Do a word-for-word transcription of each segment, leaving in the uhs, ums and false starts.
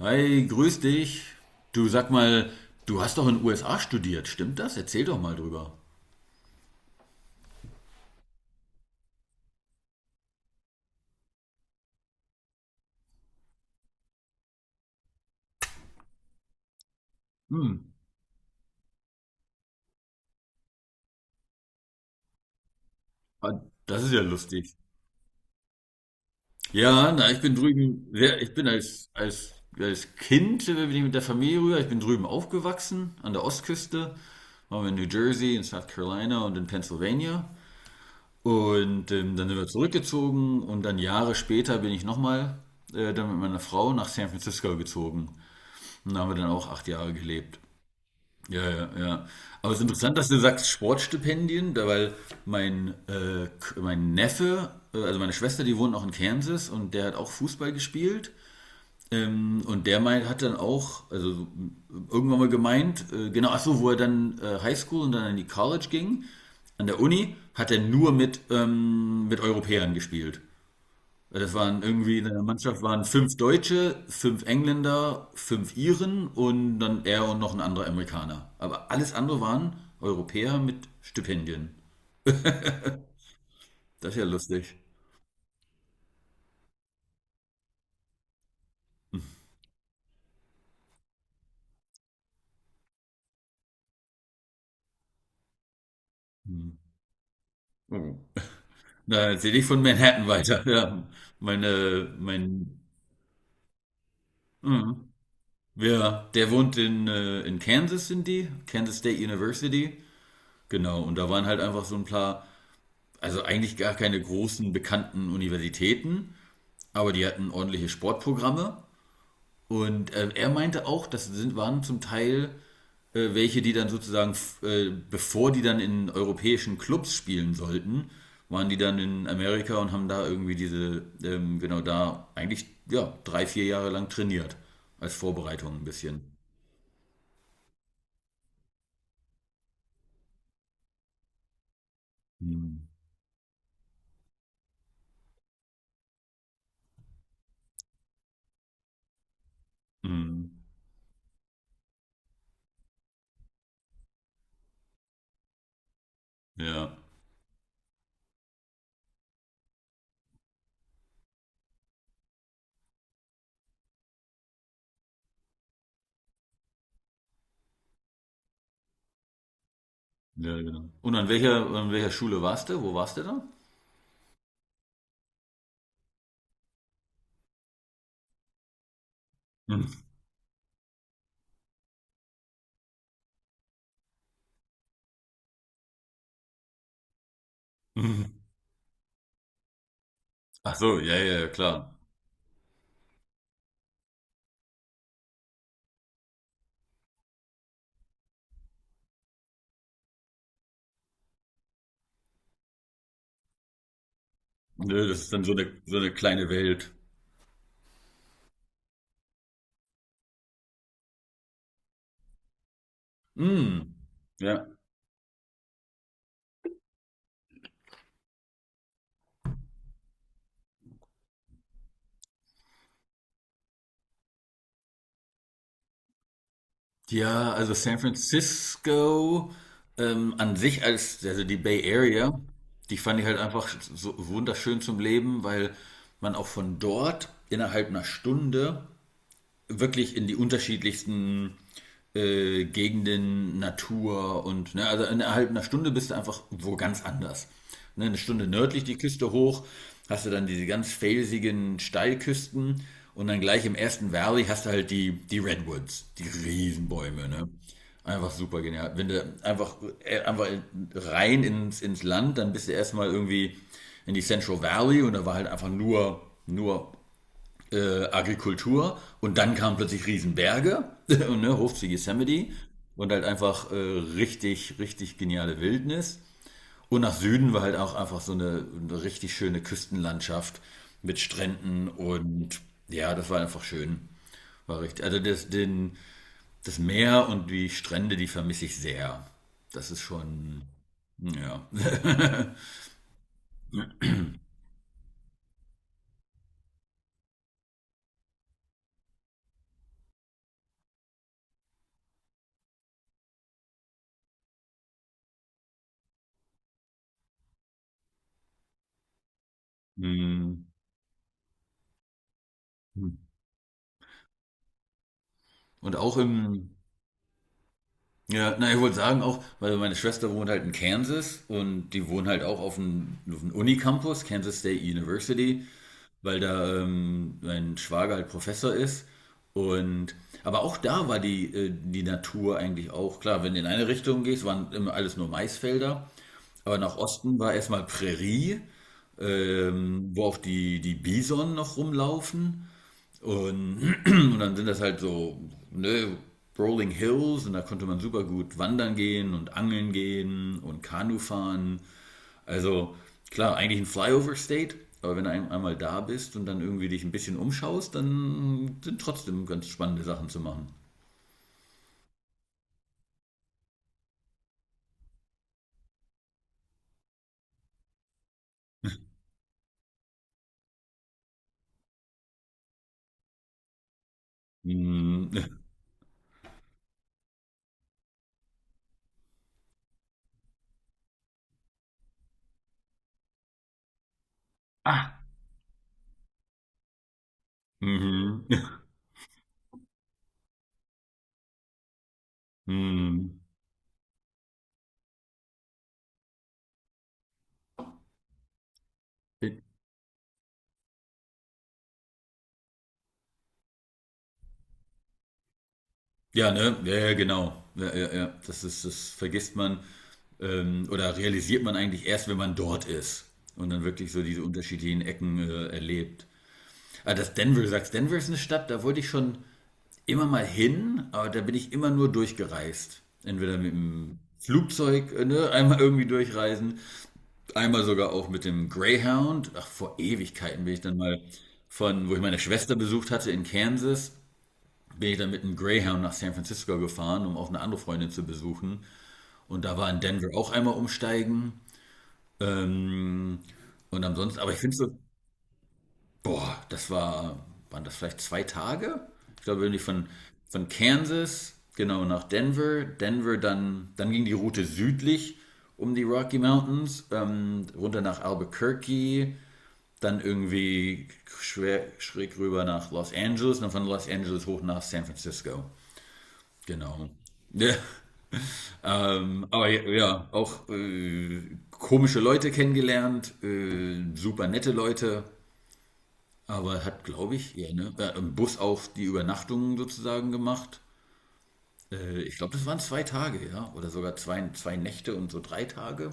Hi, grüß dich. Du sag mal, du hast doch in den U S A studiert, stimmt das? Erzähl doch mal drüber. Hm, ah, das ist ja lustig. Ja, na, ich bin drüben, sehr- ich bin als, als, als Kind äh, bin ich mit der Familie rüber. Ich bin drüben aufgewachsen, an der Ostküste. Waren wir in New Jersey, in South Carolina und in Pennsylvania. Und ähm, dann sind wir zurückgezogen und dann Jahre später bin ich nochmal äh, dann mit meiner Frau nach San Francisco gezogen. Und da haben wir dann auch acht Jahre gelebt. Ja, ja, ja. Aber es ist interessant, dass du sagst Sportstipendien, da- weil mein, äh, K- mein Neffe, äh, also meine Schwester, die wohnt noch in Kansas und der hat auch Fußball gespielt. Ähm, und der meint, hat dann auch, also irgendwann mal gemeint, äh, genau, ach so, wo er dann äh, Highschool und dann in die College ging, an der Uni, hat er nur mit, ähm, mit Europäern gespielt. Ja, Das waren irgendwie in der Mannschaft waren fünf Deutsche, fünf Engländer, fünf Iren und dann er und noch ein anderer Amerikaner. Aber alles andere waren Europäer mit Stipendien. Das ist ja lustig. Hm. Oh. Na, erzähl ich von Manhattan weiter. Ja. Meine, mein, ja, der wohnt in, äh, in Kansas, sind die, Kansas State University. Genau, und da waren halt einfach so ein paar, also eigentlich gar keine großen bekannten Universitäten, aber die hatten ordentliche Sportprogramme. Und äh, er meinte auch, das sind, waren zum Teil äh, welche, die dann sozusagen, äh, bevor die dann in europäischen Clubs spielen sollten, waren die dann in Amerika und haben da irgendwie diese, ähm, genau da eigentlich, ja, drei, vier Jahre lang trainiert. Als Vorbereitung ein bisschen. Mhm. Mhm. Ja, ja, genau. Und an welcher, an welcher Schule warst du? Wo warst du da? Mhm. Mhm. Ach so, ja, ja, ja, klar. Nö, das ist dann so eine, so eine kleine Welt. Mhm. Ja. Ja, also San Francisco ähm, an sich als, also die Bay Area, die fand ich halt einfach so wunderschön zum Leben, weil man auch von dort innerhalb einer Stunde wirklich in die unterschiedlichsten äh, Gegenden, Natur und ne, also innerhalb einer Stunde bist du einfach wo ganz anders. Ne, eine Stunde nördlich die Küste hoch, hast du dann diese ganz felsigen Steilküsten und dann gleich im ersten Valley hast du halt die, die Redwoods, die Riesenbäume, ne? Einfach super genial. Wenn du einfach, äh, einfach rein ins, ins Land, dann bist du erstmal irgendwie in die Central Valley und da war halt einfach nur, nur äh, Agrikultur und dann kamen plötzlich Riesenberge, ne, Hof zu Yosemite und halt einfach äh, richtig, richtig geniale Wildnis. Und nach Süden war halt auch einfach so eine, eine richtig schöne Küstenlandschaft mit Stränden und ja, das war einfach schön. War richtig. Also das, den, das Meer und die Strände, die vermisse ich sehr. Das ist schon, ja. Hm. Und auch im, ja, na, ich wollte sagen auch, weil meine Schwester wohnt halt in Kansas und die wohnt halt auch auf dem, auf dem Unicampus, Kansas State University, weil da ähm, mein Schwager halt Professor ist. Und aber auch da war die, äh, die Natur eigentlich auch klar. Wenn du in eine Richtung gehst, waren immer alles nur Maisfelder. Aber nach Osten war erstmal Prärie, ähm, wo auch die, die Bison noch rumlaufen. Und, und dann sind das halt so ne, Rolling Hills und da konnte man super gut wandern gehen und angeln gehen und Kanu fahren. Also klar, eigentlich ein Flyover State, aber wenn du ein, einmal da bist und dann irgendwie dich ein bisschen umschaust, dann sind trotzdem ganz spannende Sachen zu machen. Mhm. Ah. Mhm. Mhm. Ja, ne? Ja, ja, genau. Ja, ja, ja. Das ist, das vergisst man ähm, oder realisiert man eigentlich erst, wenn man dort ist und dann wirklich so diese unterschiedlichen Ecken äh, erlebt. Ah, das Denver, du sagst, Denver ist eine Stadt, da wollte ich schon immer mal hin, aber da bin ich immer nur durchgereist. Entweder mit dem Flugzeug, äh, ne, einmal irgendwie durchreisen, einmal sogar auch mit dem Greyhound. Ach, vor Ewigkeiten bin ich dann mal von, wo ich meine Schwester besucht hatte in Kansas bin ich dann mit einem Greyhound nach San Francisco gefahren, um auch eine andere Freundin zu besuchen. Und da war in Denver auch einmal umsteigen. Ähm, und ansonsten, aber ich finde so, boah, das war, waren das vielleicht zwei Tage? Ich glaube, irgendwie von, von Kansas, genau, nach Denver. Denver, dann, dann ging die Route südlich um die Rocky Mountains, ähm, runter nach Albuquerque, dann irgendwie schwer, schräg rüber nach Los Angeles, und dann von Los Angeles hoch nach San Francisco. Genau. Ja. Ähm, aber ja, ja auch äh, komische Leute kennengelernt, äh, super nette Leute, aber hat, glaube ich, ja, ne, äh, im Bus auch die Übernachtungen sozusagen gemacht. Äh, ich glaube, das waren zwei Tage, ja, oder sogar zwei, zwei Nächte und so drei Tage,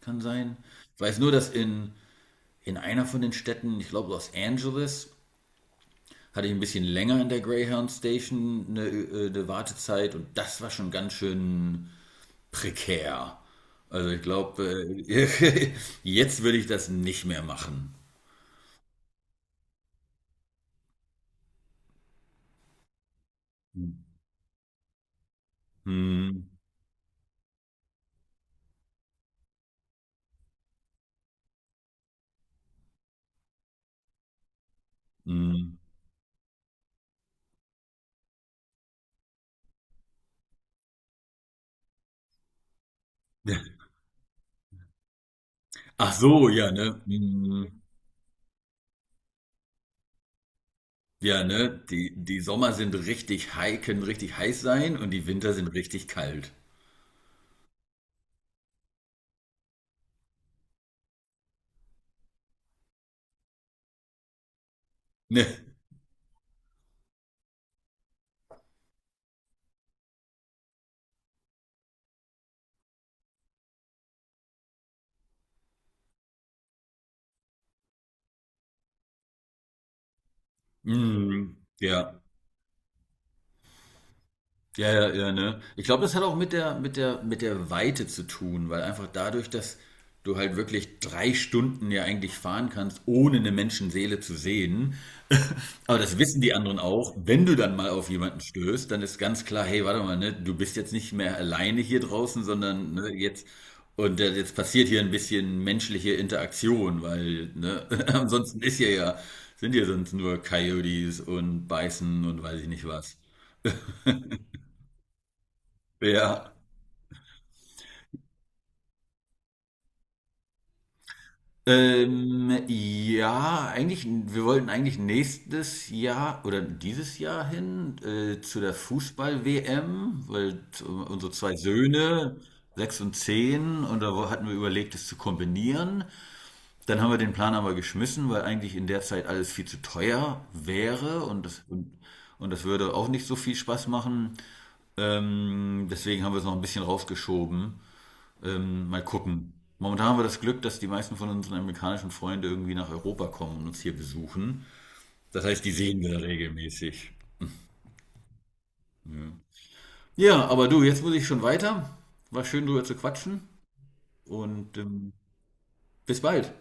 kann sein. Ich weiß nur, dass in, in einer von den Städten, ich glaube Los Angeles, hatte ich ein bisschen länger in der Greyhound Station eine, äh, eine Wartezeit und das war schon ganz schön prekär. Also ich glaube, äh, jetzt würde ich das nicht mehr machen. Mhm. Mhm. Ach so, ja, ne? Mhm. Ja, ne? Die, die Sommer sind richtig heiß, können richtig heiß sein und die Winter sind richtig kalt. Ne? Mhm. Ja. Ja, ja, ja, ne? Ich glaube, das hat auch mit der, mit der, mit der Weite zu tun, weil einfach dadurch, dass du halt wirklich drei Stunden ja eigentlich fahren kannst, ohne eine Menschenseele zu sehen. Aber das wissen die anderen auch. Wenn du dann mal auf jemanden stößt, dann ist ganz klar, hey, warte mal, ne, du bist jetzt nicht mehr alleine hier draußen, sondern ne, jetzt und äh, jetzt passiert hier ein bisschen menschliche Interaktion, weil ne, ansonsten ist hier ja, sind hier sonst nur Coyotes und Beißen und weiß ich nicht was. Ja. Ähm, ja, eigentlich, wir wollten eigentlich nächstes Jahr oder dieses Jahr hin äh, zu der Fußball-W M, weil t- unsere zwei Söhne, sechs und zehn, und da wo- hatten wir überlegt, es zu kombinieren. Dann haben wir den Plan aber geschmissen, weil eigentlich in der Zeit alles viel zu teuer wäre und das, und, und das würde auch nicht so viel Spaß machen. Ähm, deswegen haben wir es noch ein bisschen rausgeschoben. Ähm, mal gucken. Momentan haben wir das Glück, dass die meisten von unseren amerikanischen Freunden irgendwie nach Europa kommen und uns hier besuchen. Das heißt, die sehen wir regelmäßig. Ja, aber du, jetzt muss ich schon weiter. War schön, drüber zu quatschen und ähm, bis bald.